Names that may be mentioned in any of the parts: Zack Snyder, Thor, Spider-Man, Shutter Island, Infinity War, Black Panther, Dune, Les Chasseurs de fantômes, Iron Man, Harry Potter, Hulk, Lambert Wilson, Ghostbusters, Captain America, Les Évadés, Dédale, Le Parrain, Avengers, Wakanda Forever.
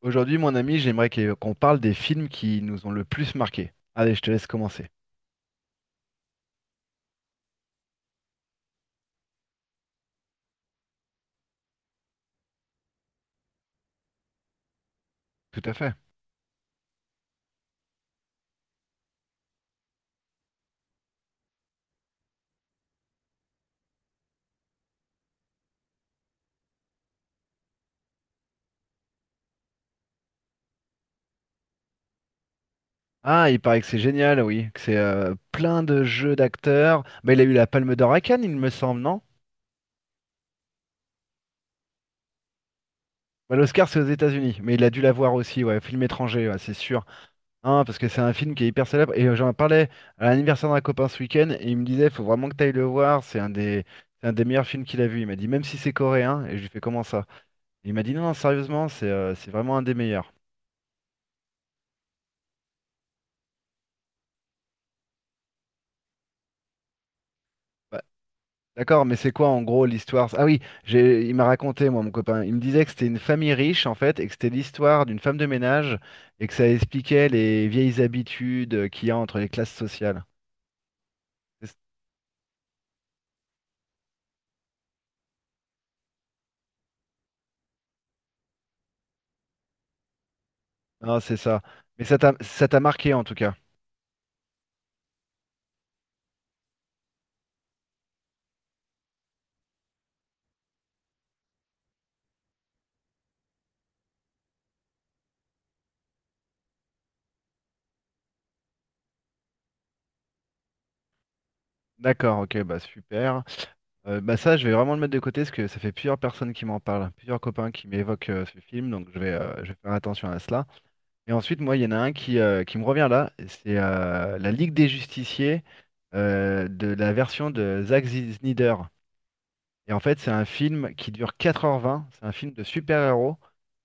Aujourd'hui, mon ami, j'aimerais qu'on parle des films qui nous ont le plus marqués. Allez, je te laisse commencer. Tout à fait. Ah, il paraît que c'est génial, oui, que c'est plein de jeux d'acteurs. Bah, il a eu la Palme d'Or à Cannes, il me semble, non? Bah, l'Oscar, c'est aux États-Unis, mais il a dû l'avoir aussi, ouais, film étranger, ouais, c'est sûr. Hein, parce que c'est un film qui est hyper célèbre. Et j'en parlais à l'anniversaire d'un copain ce week-end, et il me disait, faut vraiment que tu ailles le voir, c'est un des meilleurs films qu'il a vu. Il m'a dit, même si c'est coréen, et je lui fais comment ça? Il m'a dit, non, non, sérieusement, c'est vraiment un des meilleurs. Bah, d'accord, mais c'est quoi en gros l'histoire? Ah oui, il m'a raconté, moi, mon copain. Il me disait que c'était une famille riche, en fait, et que c'était l'histoire d'une femme de ménage, et que ça expliquait les vieilles habitudes qu'il y a entre les classes sociales. C'est- Ah, c'est ça. Mais ça t'a marqué, en tout cas. D'accord, ok, bah super. Bah ça, je vais vraiment le mettre de côté, parce que ça fait plusieurs personnes qui m'en parlent, plusieurs copains qui m'évoquent ce film, donc je vais faire attention à cela. Et ensuite, moi, il y en a un qui me revient là, c'est la Ligue des Justiciers de la version de Zack Snyder. Et en fait, c'est un film qui dure 4h20. C'est un film de super-héros.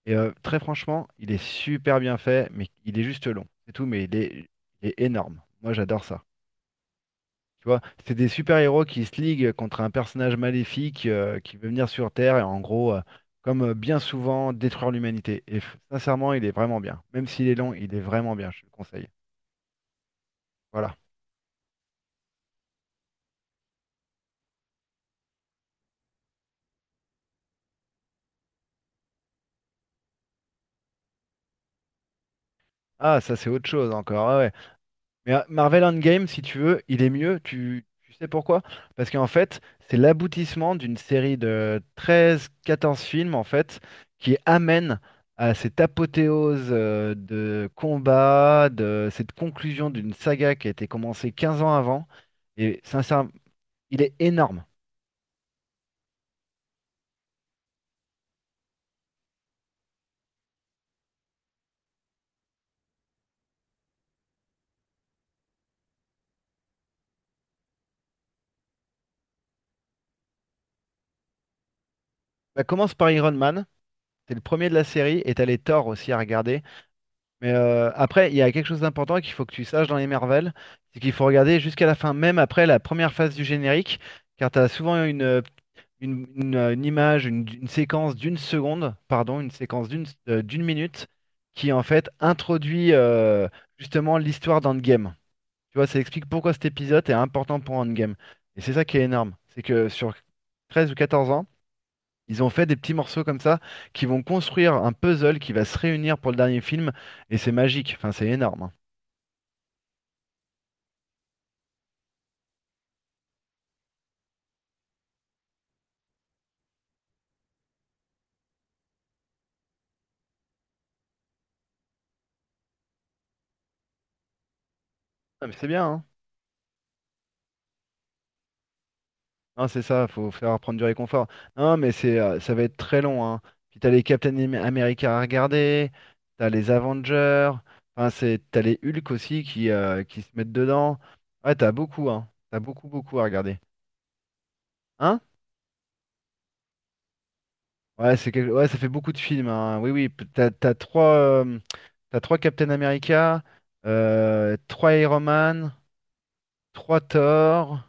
Et très franchement, il est super bien fait, mais il est juste long. C'est tout, mais il est énorme. Moi, j'adore ça. Tu vois, c'est des super-héros qui se liguent contre un personnage maléfique qui veut venir sur Terre et en gros, comme bien souvent, détruire l'humanité. Et sincèrement, il est vraiment bien. Même s'il est long, il est vraiment bien, je te le conseille. Voilà. Ah, ça c'est autre chose encore. Ah ouais. Mais Marvel Endgame, si tu veux, il est mieux. Tu sais pourquoi? Parce qu'en fait, c'est l'aboutissement d'une série de 13, 14 films, en fait, qui amène à cette apothéose de combat, de cette conclusion d'une saga qui a été commencée 15 ans avant. Et sincèrement, il est énorme. Ça commence par Iron Man, c'est le premier de la série, et t'as les Thor aussi à regarder. Mais après, il y a quelque chose d'important qu'il faut que tu saches dans les Marvel, c'est qu'il faut regarder jusqu'à la fin, même après la première phase du générique, car tu as souvent une image, une séquence d'une seconde, pardon, une séquence d'une minute, qui en fait introduit justement l'histoire d'Endgame. Tu vois, ça explique pourquoi cet épisode est important pour Endgame. Et c'est ça qui est énorme, c'est que sur 13 ou 14 ans, ils ont fait des petits morceaux comme ça qui vont construire un puzzle qui va se réunir pour le dernier film et c'est magique. Enfin, c'est énorme, hein. Ah, mais c'est bien, hein. Hein, c'est ça, faut faire prendre du réconfort. Non, mais ça va être très long, hein. Puis t'as les Captain America à regarder, t'as les Avengers. Enfin, t'as les Hulk aussi qui se mettent dedans. Ouais, t'as beaucoup, hein. T'as beaucoup, beaucoup à regarder. Hein. Ouais, ouais, ça fait beaucoup de films, hein. Oui, oui, euh, t'as trois Captain America, trois Iron Man, trois Thor.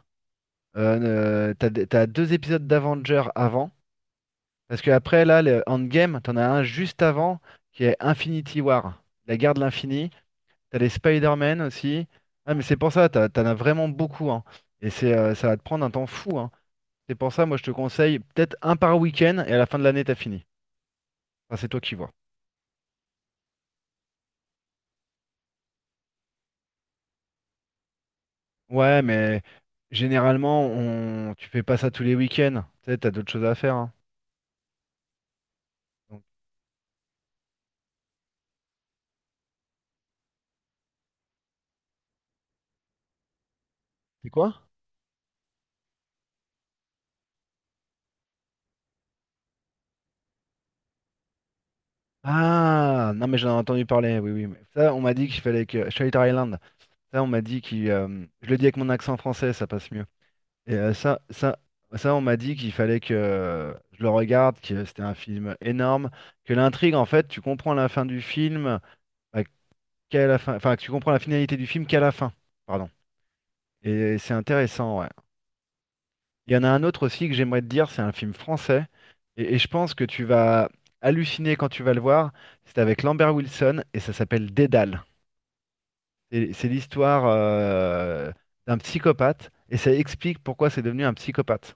T'as deux épisodes d'Avengers avant. Parce que après, là, le Endgame, t'en as un juste avant qui est Infinity War, la guerre de l'infini. T'as les Spider-Man aussi. Ah, mais c'est pour ça, t'en as vraiment beaucoup, hein. Et ça va te prendre un temps fou, hein. C'est pour ça, moi, je te conseille peut-être un par week-end et à la fin de l'année, t'as fini. Enfin, c'est toi qui vois. Ouais, mais généralement, tu fais pas ça tous les week-ends. Tu sais, t'as d'autres choses à faire, hein. Donc- C'est quoi? Ah, non, mais j'en ai entendu parler. Oui, oui, mais ça, on m'a dit qu'il fallait que. Shutter Island. Ça, on m'a dit qu'il. Je le dis avec mon accent français, ça passe mieux. Et ça, on m'a dit qu'il fallait que je le regarde, que c'était un film énorme, que l'intrigue, en fait, tu comprends la fin du film, bah, qu'à la fin, enfin, que tu comprends la finalité du film qu'à la fin. Pardon. Et c'est intéressant, ouais. Il y en a un autre aussi que j'aimerais te dire, c'est un film français. Et je pense que tu vas halluciner quand tu vas le voir. C'est avec Lambert Wilson et ça s'appelle Dédale. C'est l'histoire d'un psychopathe et ça explique pourquoi c'est devenu un psychopathe.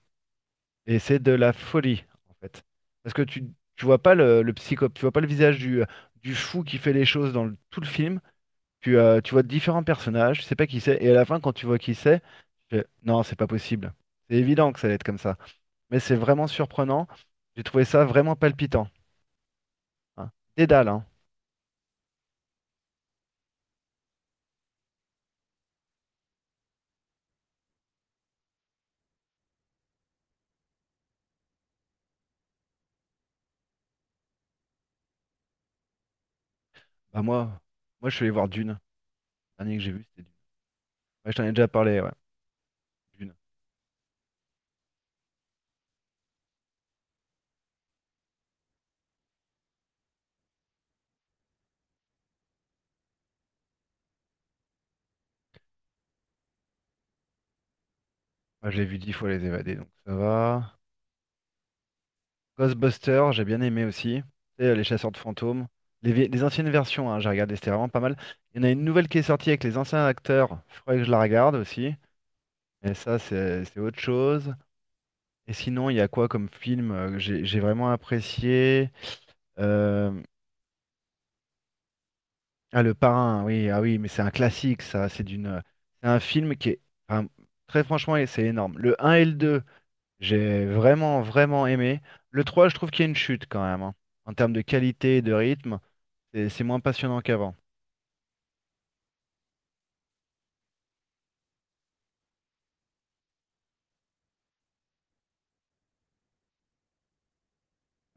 Et c'est de la folie, en fait. Parce que tu vois pas le psycho, tu vois pas le visage du fou qui fait les choses dans tout le film. Tu vois différents personnages, tu sais pas qui c'est. Et à la fin, quand tu vois qui c'est, tu fais, non, c'est pas possible. C'est évident que ça allait être comme ça mais c'est vraiment surprenant. J'ai trouvé ça vraiment palpitant. Hein. Dédale, hein. Bah moi je suis allé voir Dune. Le dernier que j'ai vu, c'était Dune. Ouais, je t'en ai déjà parlé, ouais. Dune. Moi, je l'ai vu 10 fois Les Évadés, donc ça va. Ghostbusters, j'ai bien aimé aussi. Tu sais, Les Chasseurs de fantômes. Les anciennes versions, hein, j'ai regardé, c'était vraiment pas mal. Il y en a une nouvelle qui est sortie avec les anciens acteurs. Il faudrait que je la regarde aussi. Mais ça, c'est autre chose. Et sinon, il y a quoi comme film que j'ai vraiment apprécié? Euh, Ah, le parrain, oui, ah oui, mais c'est un classique, ça. C'est un film qui est, enfin, très franchement, et c'est énorme. Le un et le deux, j'ai vraiment, vraiment aimé. Le trois, je trouve qu'il y a une chute quand même, hein. En termes de qualité et de rythme, c'est moins passionnant qu'avant.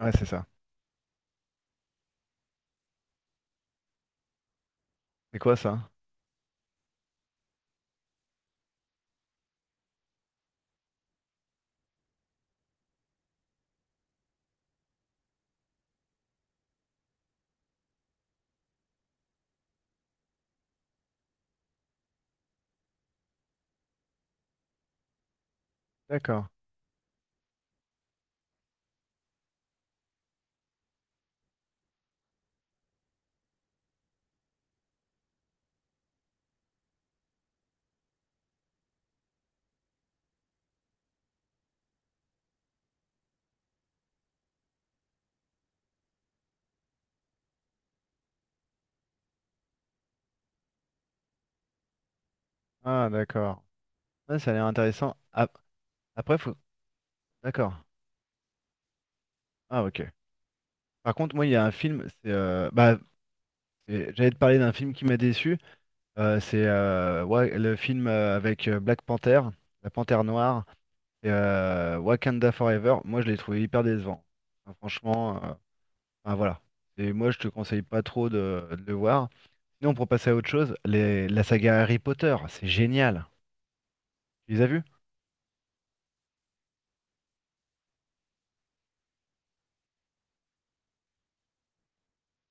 Ouais, c'est ça. C'est quoi ça? D'accord. Ah, d'accord. Ouais, ça a l'air intéressant. Après, faut. D'accord. Ah, ok. Par contre, moi, il y a un film, j'allais te parler d'un film qui m'a déçu. Le film avec Black Panther, la Panthère Noire, et Wakanda Forever. Moi, je l'ai trouvé hyper décevant. Enfin, franchement, enfin, voilà. Et moi, je te conseille pas trop de le voir. Sinon, pour passer à autre chose, la saga Harry Potter, c'est génial. Tu les as vus?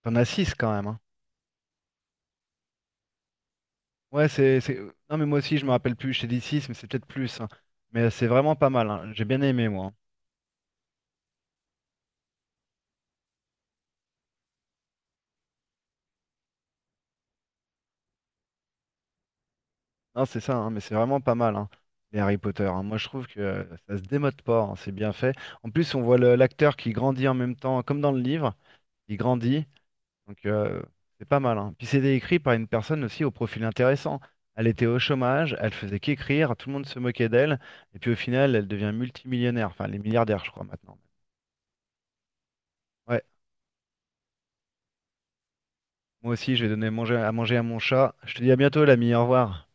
T'en as six quand même, hein. Ouais. Non, mais moi aussi, je me rappelle plus. Je t'ai dit six, mais c'est peut-être plus, hein. Mais c'est vraiment pas mal, hein. J'ai bien aimé, moi, hein. Non, c'est ça, hein, mais c'est vraiment pas mal, hein, les Harry Potter, hein. Moi, je trouve que ça se démode pas, hein, c'est bien fait. En plus, on voit l'acteur qui grandit en même temps, comme dans le livre, il grandit, donc c'est pas mal, hein. Puis c'était écrit par une personne aussi au profil intéressant. Elle était au chômage, elle faisait qu'écrire, tout le monde se moquait d'elle, et puis au final, elle devient multimillionnaire, enfin, elle est milliardaire, je crois, maintenant. Ouais, moi aussi, je vais donner à manger à mon chat. Je te dis à bientôt, l'ami, au revoir.